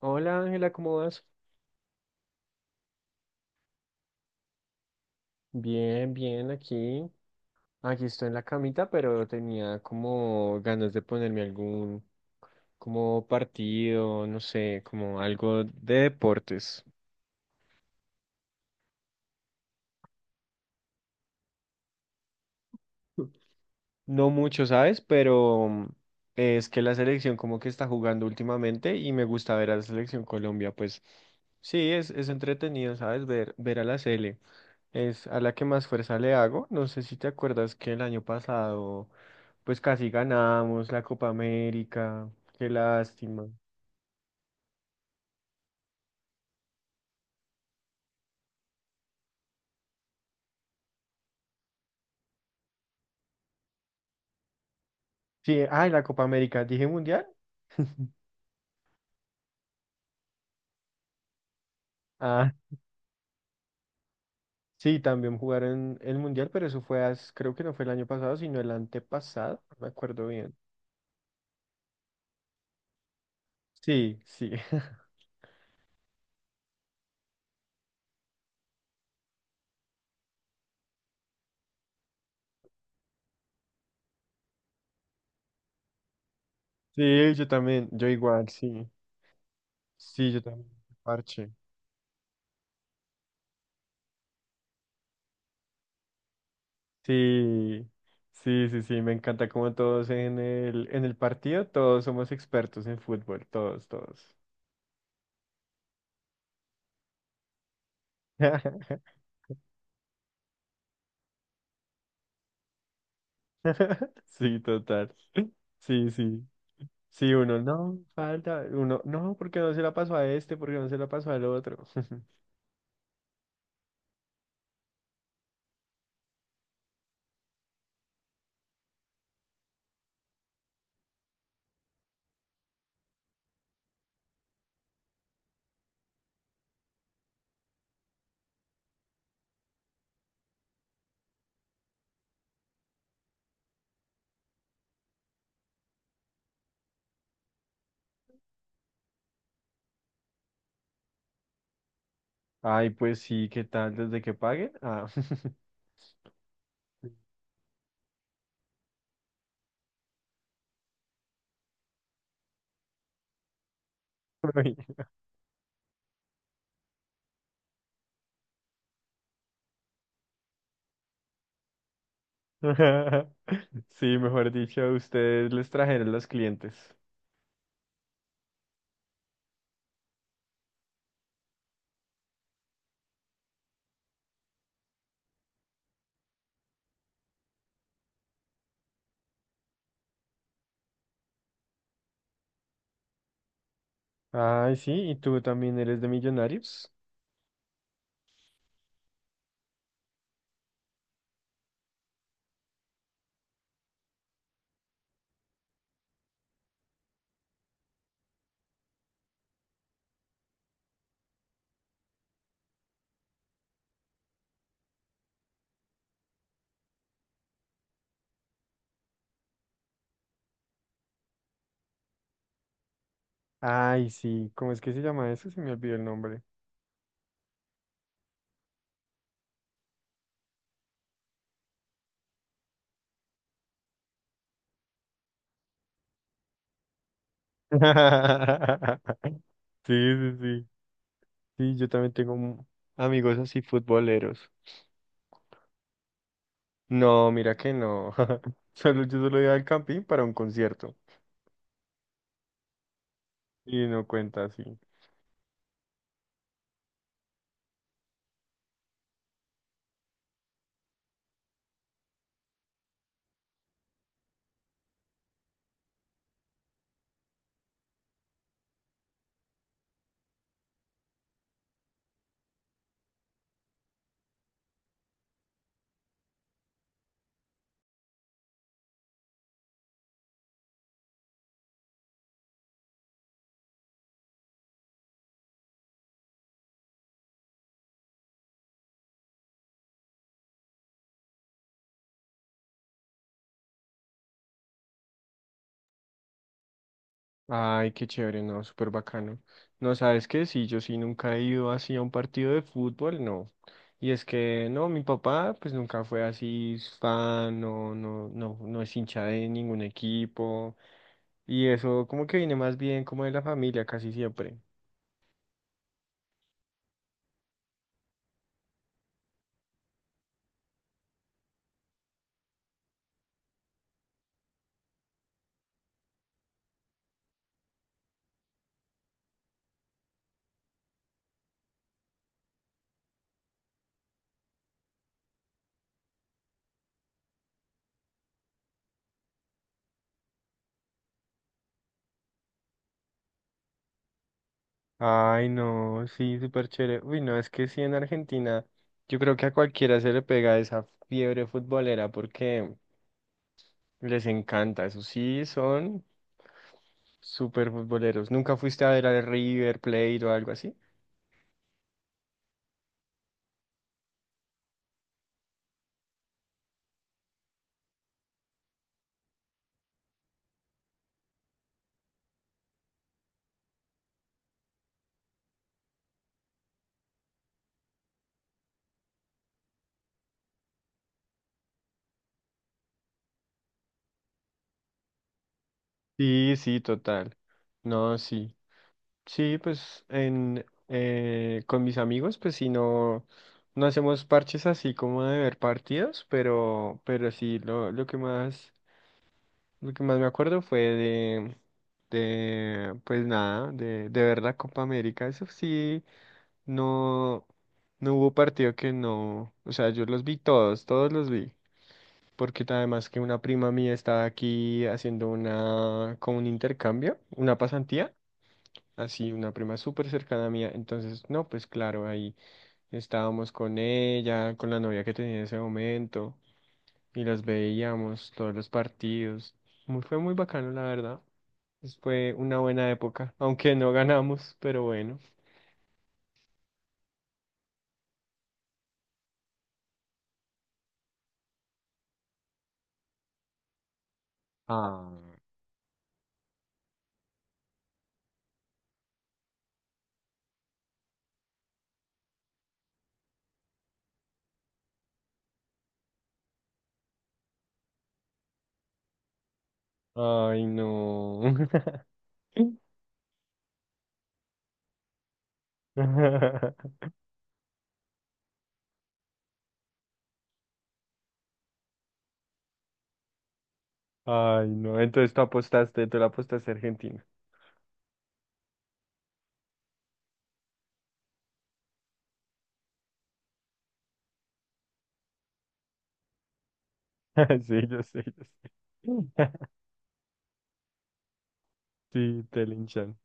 Hola Ángela, ¿cómo vas? Bien, bien, aquí. Aquí estoy en la camita, pero tenía como ganas de ponerme algún como partido, no sé, como algo de deportes. No mucho, ¿sabes? Pero es que la selección como que está jugando últimamente y me gusta ver a la selección Colombia, pues sí, es entretenido, ¿sabes? Ver a la sele. Es a la que más fuerza le hago. No sé si te acuerdas que el año pasado, pues casi ganamos la Copa América. Qué lástima. Sí, ay, la Copa América, dije mundial. Ah, sí, también jugaron el mundial, pero eso fue, creo que no fue el año pasado, sino el antepasado, no me acuerdo bien. Sí, sí. Sí, yo también, yo igual, sí. Sí, yo también. Parche. Sí, sí, sí, sí, me encanta como todos en el partido, todos somos expertos en fútbol, todos, todos. Sí, total. Sí, sí. Sí, uno, no, falta, uno, no, porque no se la pasó a este, porque no se la pasó al otro. Ay, pues sí, ¿qué tal desde que paguen? Ah. Uy. Sí, mejor dicho, ustedes les trajeron los clientes. Ay, sí, ¿y tú también eres de millonarios? Ay, sí, ¿cómo es que se llama eso? Se me olvidó el nombre. Sí, sí, sí. Sí, yo también tengo amigos así futboleros. No, mira que no. Solo yo solo iba al camping para un concierto. Y no cuenta así. Ay, qué chévere, no, súper bacano. No, ¿sabes qué? Sí, yo sí nunca he ido así a un partido de fútbol, no. Y es que, no, mi papá pues nunca fue así fan, no, no, no, no es hincha de ningún equipo. Y eso como que viene más bien como de la familia casi siempre. Ay, no, sí, súper chévere. Uy, no, es que sí en Argentina yo creo que a cualquiera se le pega esa fiebre futbolera porque les encanta. Eso sí, son súper futboleros. ¿Nunca fuiste a ver al River Plate o algo así? Sí, sí, total. No, sí. Sí, pues en con mis amigos, pues si no, no hacemos parches así como de ver partidos, pero sí lo que más me acuerdo fue de pues nada, de ver la Copa América. Eso sí, no, no hubo partido que no, o sea, yo los vi todos, todos los vi. Porque además que una prima mía estaba aquí haciendo una, como un intercambio, una pasantía así, una prima súper cercana mía. Entonces, no, pues claro, ahí estábamos con ella, con la novia que tenía en ese momento, y las veíamos todos los partidos. Fue muy bacano, la verdad. Pues fue una buena época, aunque no ganamos, pero bueno. Ah, ay, no. Ay, no. Entonces tú la apostaste a Argentina. Sí, yo sé, yo sé. Sí, te linchan.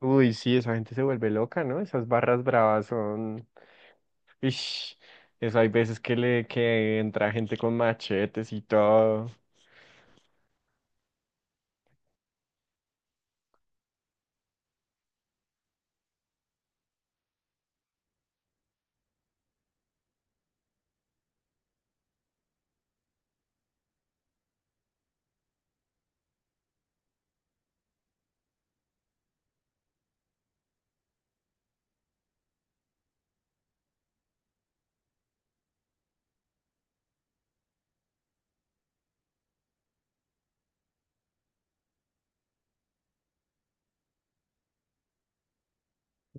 Uy, sí, esa gente se vuelve loca, ¿no? Esas barras bravas son... Ish, eso hay veces que entra gente con machetes y todo.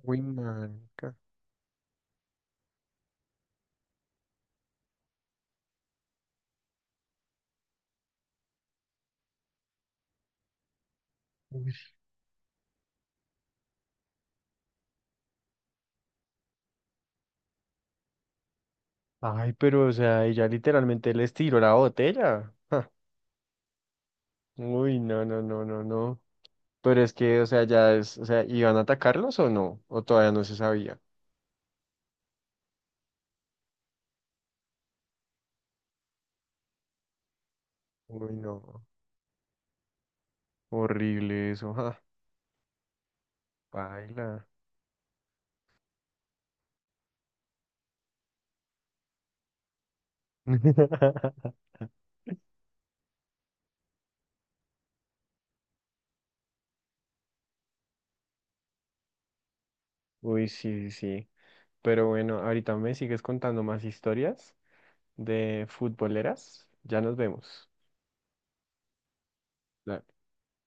Uy, manca. Uy. Ay, pero o sea, ella literalmente les tiró la botella. Ja. Uy, no, no, no, no, no. Pero es que, o sea, ya es, o sea, ¿iban a atacarlos o no? O todavía no se sabía. Uy, no. Horrible eso, ja. Baila. Uy, sí, sí. Sí. Pero bueno, ahorita me sigues contando más historias de futboleras. Ya nos vemos.